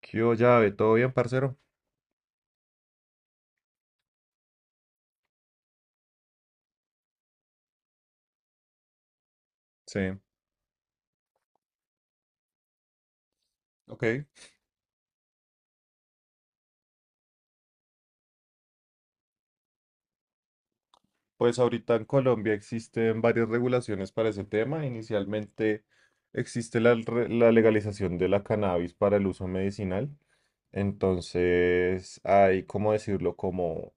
¿Qué hubo, llave? ¿Todo bien, parcero? Sí. Ok, pues ahorita en Colombia existen varias regulaciones para ese tema. Inicialmente existe la legalización de la cannabis para el uso medicinal. Entonces hay, ¿cómo decirlo?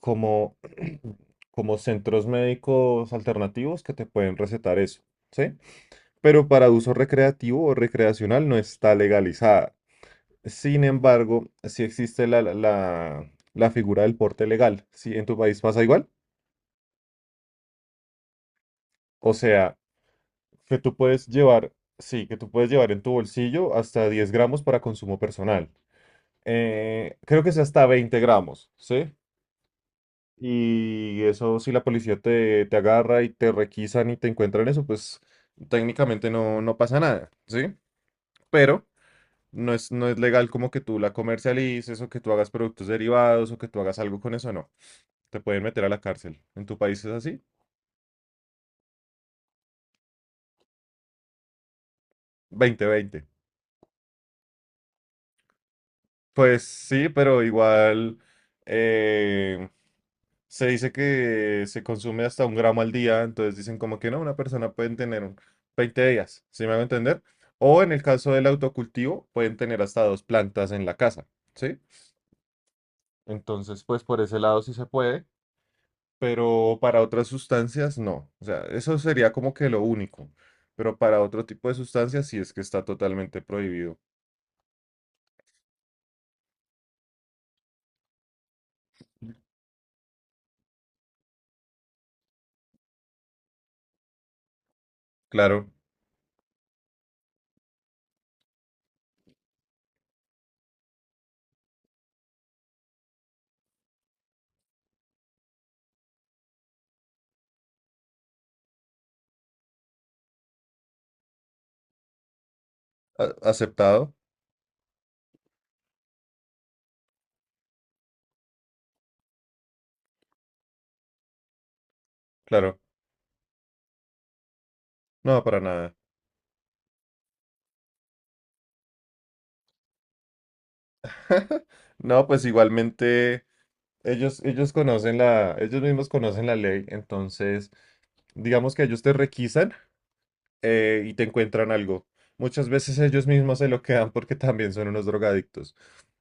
como, como centros médicos alternativos que te pueden recetar eso, ¿sí? Pero para uso recreativo o recreacional no está legalizada. Sin embargo, si existe figura del porte legal, si en tu país pasa igual, o sea, que tú puedes llevar, sí, que tú puedes llevar en tu bolsillo hasta 10 gramos para consumo personal. Creo que es hasta 20 gramos, ¿sí? Y eso, si la policía te agarra y te requisan y te encuentran eso, pues técnicamente no pasa nada, ¿sí? Pero no es legal como que tú la comercialices o que tú hagas productos derivados o que tú hagas algo con eso, no. Te pueden meter a la cárcel. ¿En tu país es así? 20, 20 Pues sí, pero igual, eh, se dice que se consume hasta 1 gramo al día, entonces dicen como que no, una persona pueden tener un- 20 días, ¿sí me hago entender? O en el caso del autocultivo, pueden tener hasta 2 plantas en la casa, ¿sí? Entonces, pues por ese lado sí se puede, pero para otras sustancias no. O sea, eso sería como que lo único, pero para otro tipo de sustancias sí es que está totalmente prohibido. Claro. A- aceptado, claro. No, para nada. No, pues igualmente ellos conocen la, ellos mismos conocen la ley, entonces digamos que ellos te requisan, y te encuentran algo. Muchas veces ellos mismos se lo quedan porque también son unos drogadictos.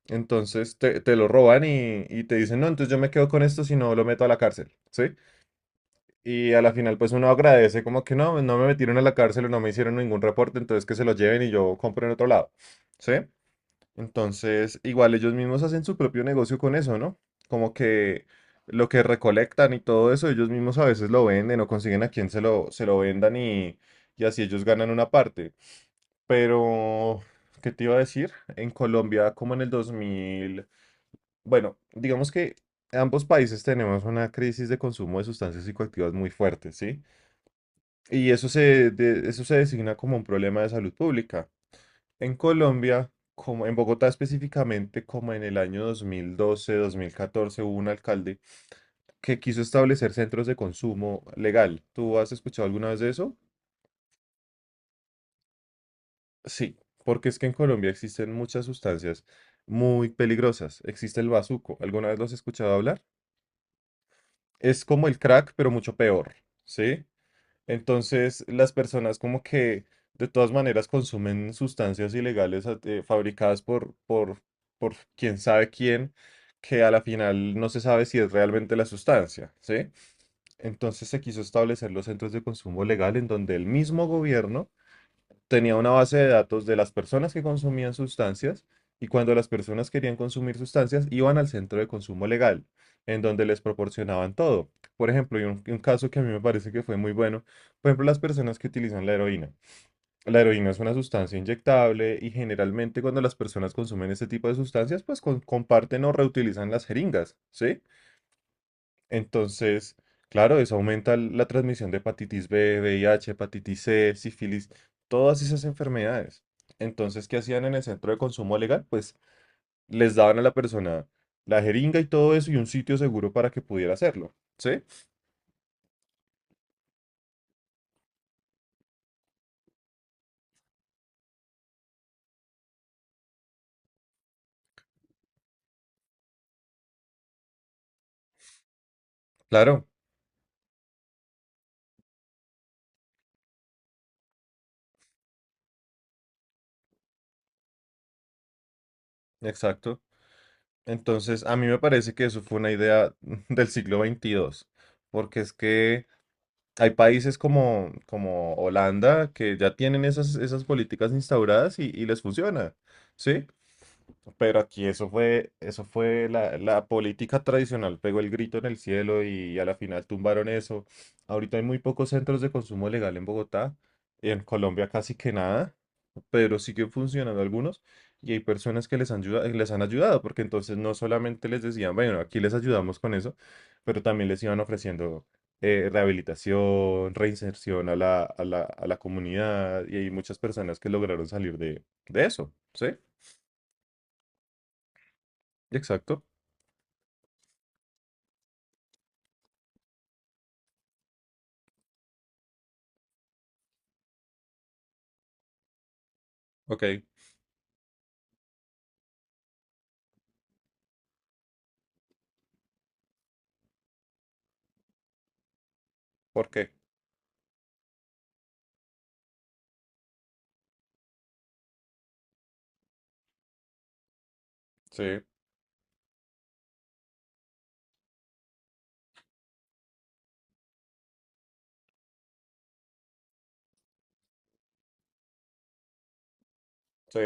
Entonces te lo roban y te dicen, no, entonces yo me quedo con esto si no lo meto a la cárcel, ¿sí? Y a la final pues uno agradece como que no, no me metieron a la cárcel o no me hicieron ningún reporte, entonces que se lo lleven y yo compro en otro lado, ¿sí? Entonces, igual ellos mismos hacen su propio negocio con eso, ¿no? Como que lo que recolectan y todo eso, ellos mismos a veces lo venden o consiguen a quien se lo vendan, y así ellos ganan una parte. Pero, ¿qué te iba a decir? En Colombia, como en el 2000, bueno, digamos que ambos países tenemos una crisis de consumo de sustancias psicoactivas muy fuerte, ¿sí? Y eso eso se designa como un problema de salud pública. En Colombia, como en Bogotá específicamente, como en el año 2012, 2014, hubo un alcalde que quiso establecer centros de consumo legal. ¿Tú has escuchado alguna vez de eso? Sí, porque es que en Colombia existen muchas sustancias muy peligrosas. Existe el bazuco. ¿Alguna vez lo has escuchado hablar? Es como el crack, pero mucho peor, ¿sí? Entonces, las personas como que de todas maneras consumen sustancias ilegales fabricadas por quién sabe quién, que a la final no se sabe si es realmente la sustancia, ¿sí? Entonces se quiso establecer los centros de consumo legal en donde el mismo gobierno tenía una base de datos de las personas que consumían sustancias, y cuando las personas querían consumir sustancias iban al centro de consumo legal, en donde les proporcionaban todo. Por ejemplo, y un caso que a mí me parece que fue muy bueno, por ejemplo, las personas que utilizan la heroína. La heroína es una sustancia inyectable y generalmente cuando las personas consumen este tipo de sustancias, pues comparten o reutilizan las jeringas, ¿sí? Entonces, claro, eso aumenta la transmisión de hepatitis B, VIH, hepatitis C, sífilis, todas esas enfermedades. Entonces, ¿qué hacían en el centro de consumo legal? Pues les daban a la persona la jeringa y todo eso y un sitio seguro para que pudiera hacerlo. ¿Sí? Claro, exacto. Entonces, a mí me parece que eso fue una idea del siglo XXII, porque es que hay países como, como Holanda que ya tienen esas, esas políticas instauradas y les funciona. ¿Sí? Pero aquí eso fue la política tradicional, pegó el grito en el cielo y a la final tumbaron eso. Ahorita hay muy pocos centros de consumo legal en Bogotá, en Colombia casi que nada, pero siguen funcionando algunos y hay personas que les han ayudado, porque entonces no solamente les decían, bueno, aquí les ayudamos con eso, pero también les iban ofreciendo rehabilitación, reinserción a a la comunidad, y hay muchas personas que lograron salir de eso, ¿sí? Exacto. Ok, ¿por qué? Sí, sí.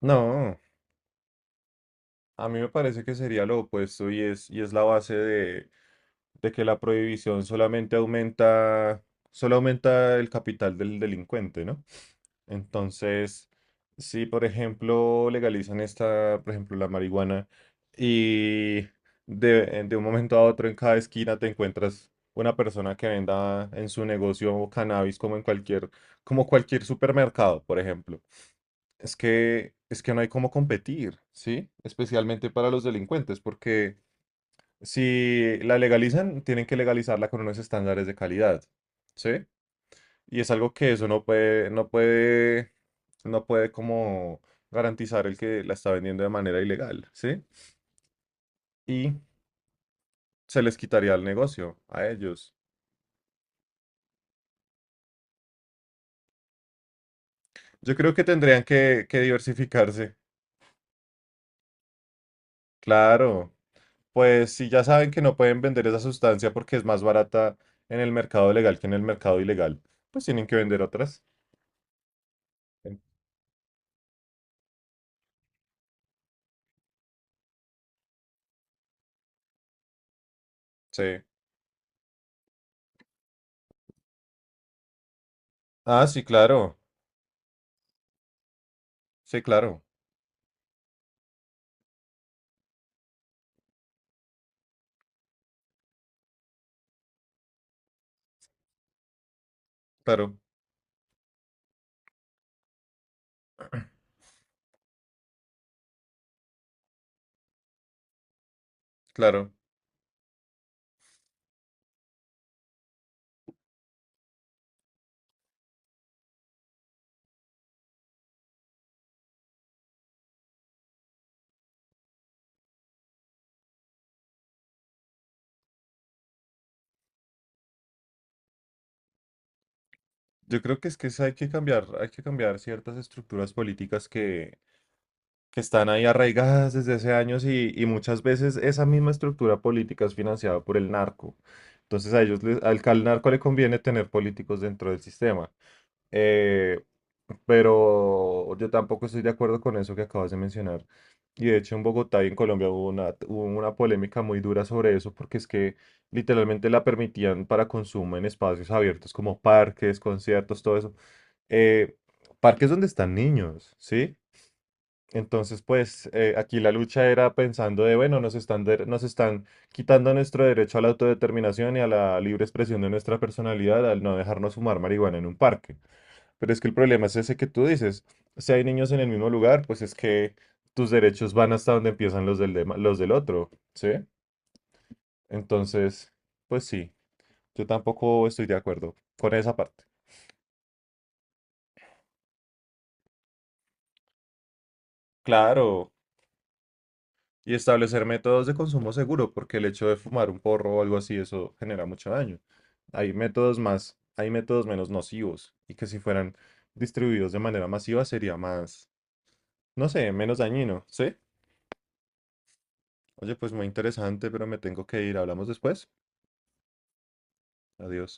No, a mí me parece que sería lo opuesto, y es la base de que la prohibición solamente aumenta, solo aumenta el capital del delincuente, ¿no? Entonces, si por ejemplo legalizan esta, por ejemplo, la marihuana, y de un momento a otro en cada esquina te encuentras una persona que venda en su negocio cannabis como en cualquier, como cualquier supermercado, por ejemplo. Es que no hay cómo competir, ¿sí? Especialmente para los delincuentes, porque si la legalizan, tienen que legalizarla con unos estándares de calidad, ¿sí? Y es algo que eso no puede como garantizar el que la está vendiendo de manera ilegal, ¿sí? Y se les quitaría el negocio a ellos. Yo creo que tendrían que diversificarse. Claro. Pues si ya saben que no pueden vender esa sustancia porque es más barata en el mercado legal que en el mercado ilegal, pues tienen que vender otras. En- sí. Ah, sí, claro. Sí, claro. Claro, claro. Yo creo que es que hay que cambiar ciertas estructuras políticas que están ahí arraigadas desde hace años y muchas veces esa misma estructura política es financiada por el narco. Entonces a ellos, al narco le conviene tener políticos dentro del sistema. Eh, pero yo tampoco estoy de acuerdo con eso que acabas de mencionar. Y de hecho en Bogotá y en Colombia hubo una polémica muy dura sobre eso, porque es que literalmente la permitían para consumo en espacios abiertos como parques, conciertos, todo eso. Eh, parques donde están niños, ¿sí? Entonces, aquí la lucha era pensando de, bueno, nos están quitando nuestro derecho a la autodeterminación y a la libre expresión de nuestra personalidad al no dejarnos fumar marihuana en un parque. Pero es que el problema es ese que tú dices. Si hay niños en el mismo lugar, pues es que tus derechos van hasta donde empiezan los los del otro, ¿sí? Entonces, pues sí, yo tampoco estoy de acuerdo con esa parte. Claro, y establecer métodos de consumo seguro, porque el hecho de fumar un porro o algo así, eso genera mucho daño. Hay métodos menos nocivos, y que si fueran distribuidos de manera masiva sería más, no sé, menos dañino, ¿sí? Oye, pues muy interesante, pero me tengo que ir. ¿Hablamos después? Adiós.